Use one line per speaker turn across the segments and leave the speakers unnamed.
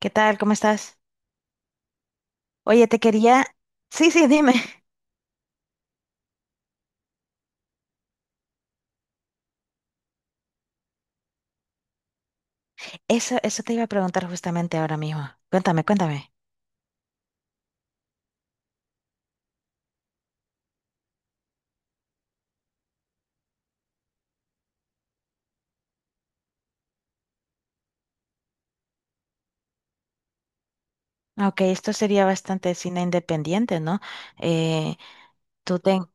¿Qué tal? ¿Cómo estás? Oye, te quería... Sí, sí, dime. Eso te iba a preguntar justamente ahora mismo. Cuéntame, cuéntame. Ok, esto sería bastante cine independiente, ¿no? Eh, tú ten...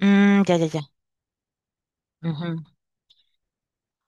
Mm, ya, ya, ya. Ujú.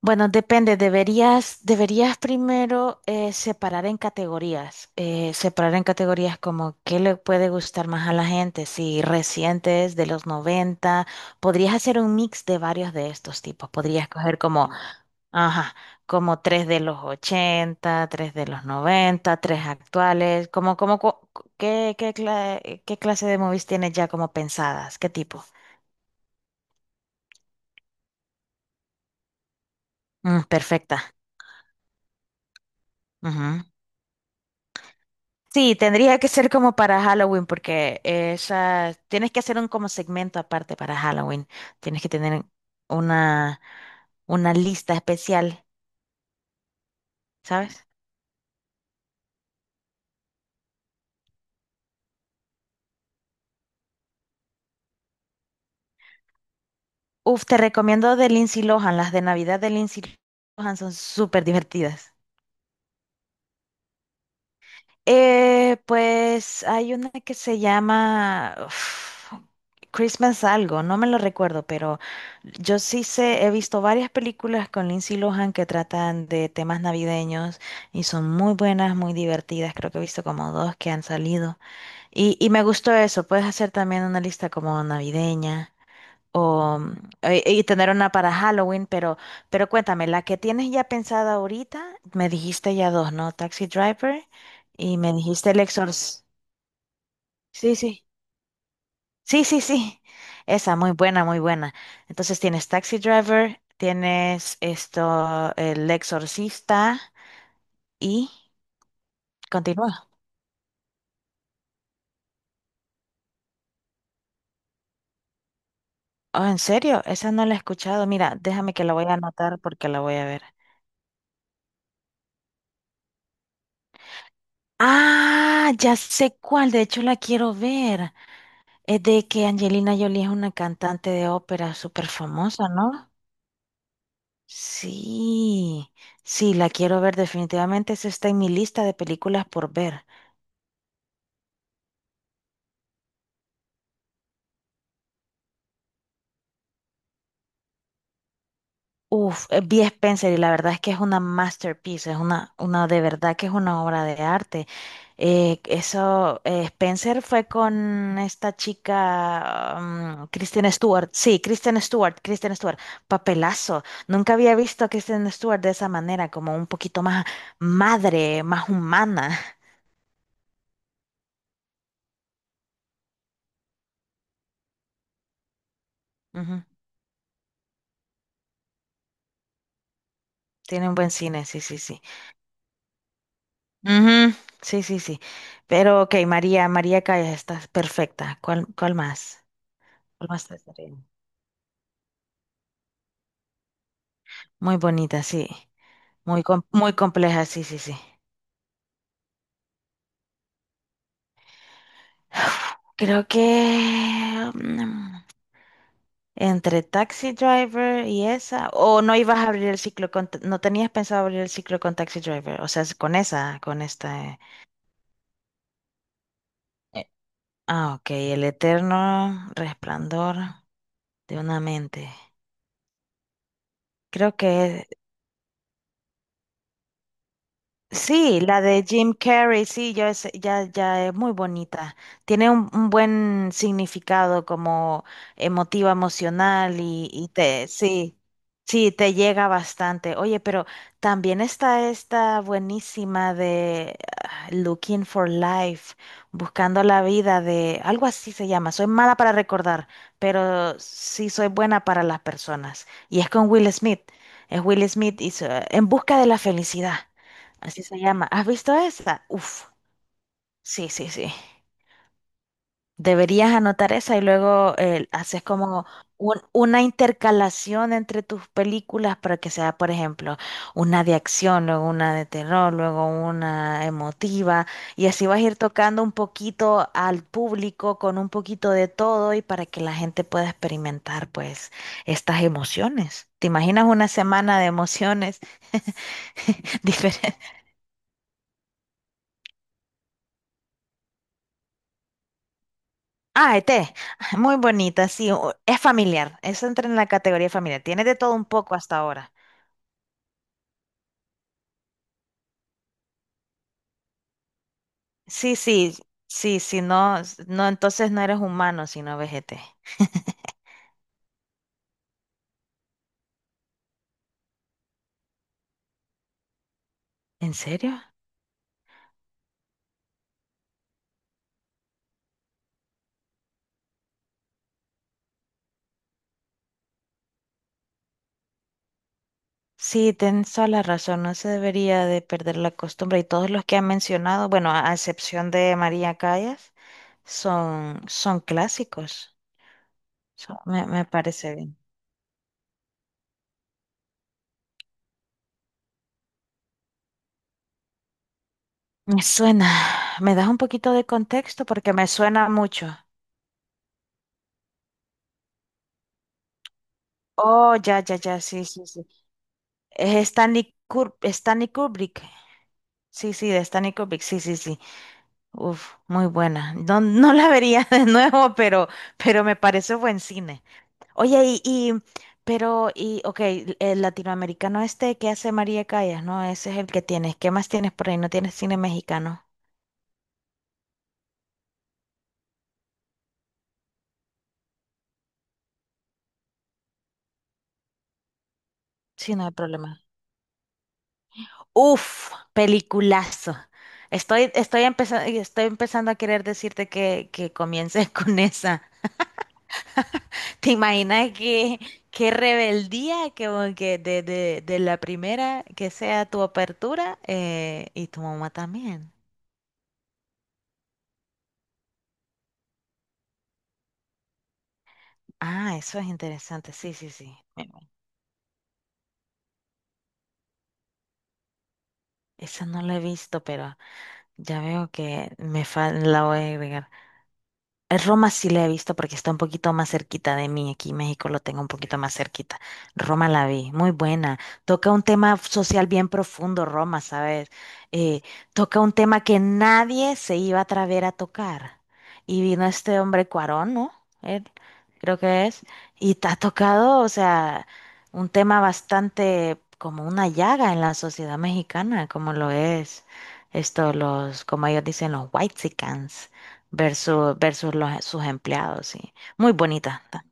Bueno, depende. Deberías primero separar en categorías. Separar en categorías como qué le puede gustar más a la gente. Si recientes, de los 90. Podrías hacer un mix de varios de estos tipos. Podrías coger como... Ajá, como tres de los 80, tres de los 90, tres actuales, como, como, ¿qué clase de movies tienes ya como pensadas? ¿Qué tipo? Mm, perfecta. Ujú. Sí, tendría que ser como para Halloween, porque esa, tienes que hacer un como segmento aparte para Halloween. Tienes que tener una, una lista especial, ¿sabes? Uf, te recomiendo de Lindsay Lohan, las de Navidad de Lindsay Lohan son súper divertidas. Pues hay una que se llama uf, Christmas algo, no me lo recuerdo, pero yo sí sé, he visto varias películas con Lindsay Lohan que tratan de temas navideños y son muy buenas, muy divertidas. Creo que he visto como dos que han salido. Y me gustó eso, puedes hacer también una lista como navideña. O, y tener una para Halloween, pero cuéntame, la que tienes ya pensada ahorita, me dijiste ya dos, ¿no? Taxi Driver y me dijiste El Exorcista. Sí, sí, sí, sí, sí. Esa, muy buena, muy buena. Entonces tienes Taxi Driver, tienes esto, El Exorcista y continúa. Oh, ¿en serio? Esa no la he escuchado. Mira, déjame que la voy a anotar porque la voy a ver. Ah, ya sé cuál, de hecho la quiero ver. Es de que Angelina Jolie es una cantante de ópera súper famosa, ¿no? Sí, sí, la quiero ver definitivamente. Esa está en mi lista de películas por ver. Uf, vi Spencer y la verdad es que es una masterpiece, es una de verdad que es una obra de arte. Spencer fue con esta chica, mm, Kristen Stewart, sí, Kristen Stewart, Kristen Stewart, papelazo. Nunca había visto a Kristen Stewart de esa manera, como un poquito más madre, más humana. Ujú. Tiene un buen cine, sí, sí, sí. Ujú. Sí, sí, sí. Pero ok, María, María Callas, estás perfecta. ¿Cuál, cuál más? ¿Cuál más te gustaría? Muy bonita, sí. Muy, muy compleja, sí, sí, sí. Creo que mm, entre Taxi Driver y esa, o no ibas a abrir el ciclo con, no tenías pensado abrir el ciclo con Taxi Driver, o sea, es con esa, con esta. Eh, Ah, ok, el eterno resplandor de una mente. Creo que... Sí, la de Jim Carrey, sí, ya es, ya, ya es muy bonita. Tiene un buen significado como emotivo, emocional y te, sí, sí, te llega bastante. Oye, pero también está esta buenísima de Looking for Life, buscando la vida de, algo así se llama. Soy mala para recordar, pero sí soy buena para las personas. Y es con Will Smith. Es Will Smith y en busca de la felicidad. Así se llama. ¿Has visto esa? Uf, sí, sí, sí. Deberías anotar esa y luego haces como una intercalación entre tus películas para que sea, por ejemplo, una de acción, luego una de terror, luego una emotiva, y así vas a ir tocando un poquito al público con un poquito de todo y para que la gente pueda experimentar pues estas emociones. ¿Te imaginas una semana de emociones diferentes? Ah, ET, muy bonita, sí, es familiar, eso entra en la categoría familiar, tiene de todo un poco hasta ahora. Sí, sí, sí, sí, no, no, entonces no eres humano sino no ves ET. ¿En serio? Sí, tienes toda la razón, no se debería de perder la costumbre y todos los que han mencionado, bueno, a excepción de María Callas, son, son clásicos. Me, parece bien. Me suena, ¿me das un poquito de contexto? Porque me suena mucho. Oh, ya, ya, ya, sí, sí, sí. Es Stanley Kubrick. Sí, sí, de Stanley Kubrick. Sí, sí, sí. Uf, muy buena. No, no la vería de nuevo, pero me parece buen cine. Oye, ok, el latinoamericano este que hace María Callas, ¿no? Ese es el que tienes. ¿Qué más tienes por ahí? ¿No tienes cine mexicano? Sí, no hay problema. Uf, peliculazo. Estoy empezando a querer decirte que comiences con esa. ¿Te imaginas que qué rebeldía que, de la primera que sea tu apertura y tu mamá también? Ah, eso es interesante, sí, sí, sí. Bueno, esa no la he visto, pero ya veo que me la voy a agregar. Roma sí la he visto porque está un poquito más cerquita de mí. Aquí en México lo tengo un poquito más cerquita. Roma la vi, muy buena. Toca un tema social bien profundo, Roma, ¿sabes? Eh, Toca un tema que nadie se iba a atrever a tocar. Y vino este hombre Cuarón, ¿no? Él, creo que es. Y te ha tocado, o sea, un tema bastante como una llaga en la sociedad mexicana, como lo es esto, los, como ellos dicen, los white versus sus empleados, sí. Muy bonita.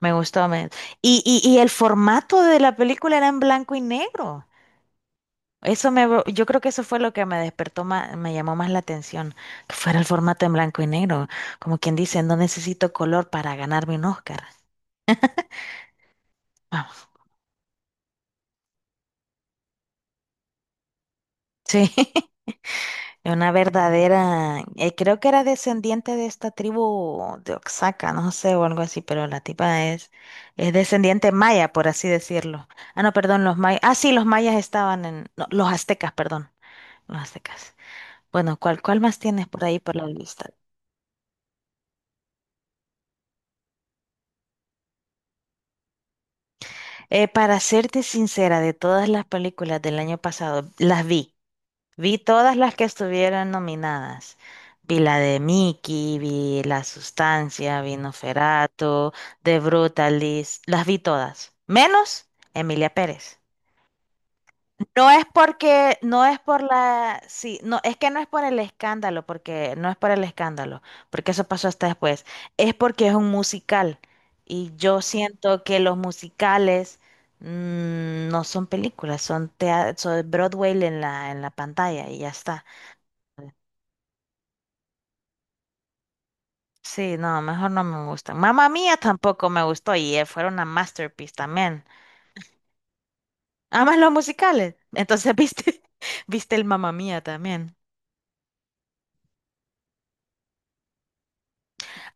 Me gustó. Y el formato de la película era en blanco y negro. Eso me, yo creo que eso fue lo que me despertó más, me llamó más la atención, que fuera el formato en blanco y negro. Como quien dice, no necesito color para ganarme un Oscar. Vamos. Sí. Una verdadera, creo que era descendiente de esta tribu de Oaxaca, no sé, o algo así, pero es descendiente maya, por así decirlo. Ah, no, perdón, los mayas. Ah, sí, los mayas estaban en, no, los aztecas, perdón, los aztecas. Bueno, ¿cuál, cuál más tienes por ahí por la lista? Para serte sincera, de todas las películas del año pasado, las vi. Vi todas las que estuvieron nominadas. Vi la de Mickey, vi La Sustancia, vi Nosferatu, The Brutalist, las vi todas, menos Emilia Pérez. No, es que no es por el escándalo, porque no es por el escándalo, porque eso pasó hasta después. Es porque es un musical y yo siento que los musicales mm, no son películas, son Broadway en en la pantalla y ya está. Sí, no, mejor no me gustan. Mamma Mía tampoco me gustó y fueron una masterpiece también. Amas los musicales. Entonces, ¿viste? ¿Viste el Mamma Mía también?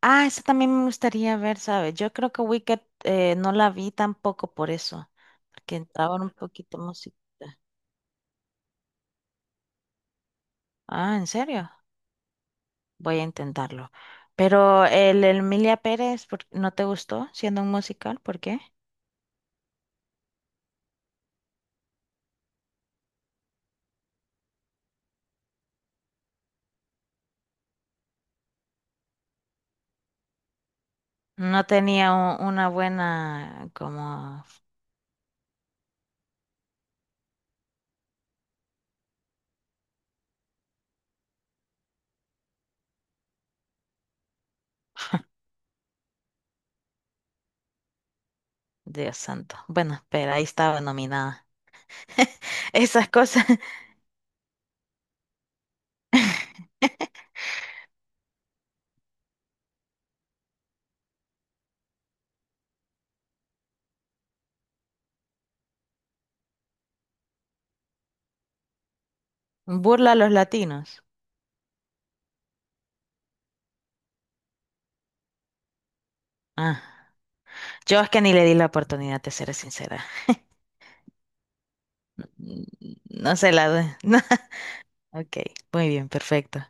Ah, eso también me gustaría ver, ¿sabes? Yo creo que Wicked no la vi tampoco por eso, porque entraba un poquito música. Ah, ¿en serio? Voy a intentarlo. Pero el Emilia Pérez, ¿no te gustó siendo un musical? ¿Por qué? No tenía una buena como... Dios santo. Bueno, espera, ahí estaba nominada. Esas cosas. Burla a los latinos. Ah, yo es que ni le di la oportunidad, te seré sincera. No se la doy. Ok, muy bien, perfecto.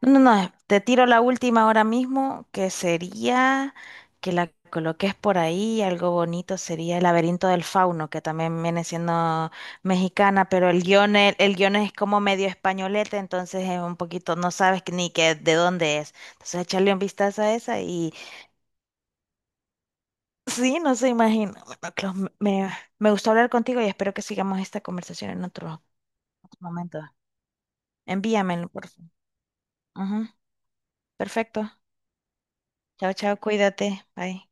No, no, no, te tiro la última ahora mismo, que sería que la coloques por ahí, algo bonito sería El laberinto del fauno, que también viene siendo mexicana, pero el guión, guión es como medio españolete, entonces es un poquito, no sabes que- ni que de dónde es. Entonces echarle un vistazo a esa y sí, no se imagina. Bueno, Clau, me, me me gustó hablar contigo y espero que sigamos esta conversación en otro, otro momento. Envíamelo, por favor. Ujú, perfecto. Chao, chao, cuídate. Bye.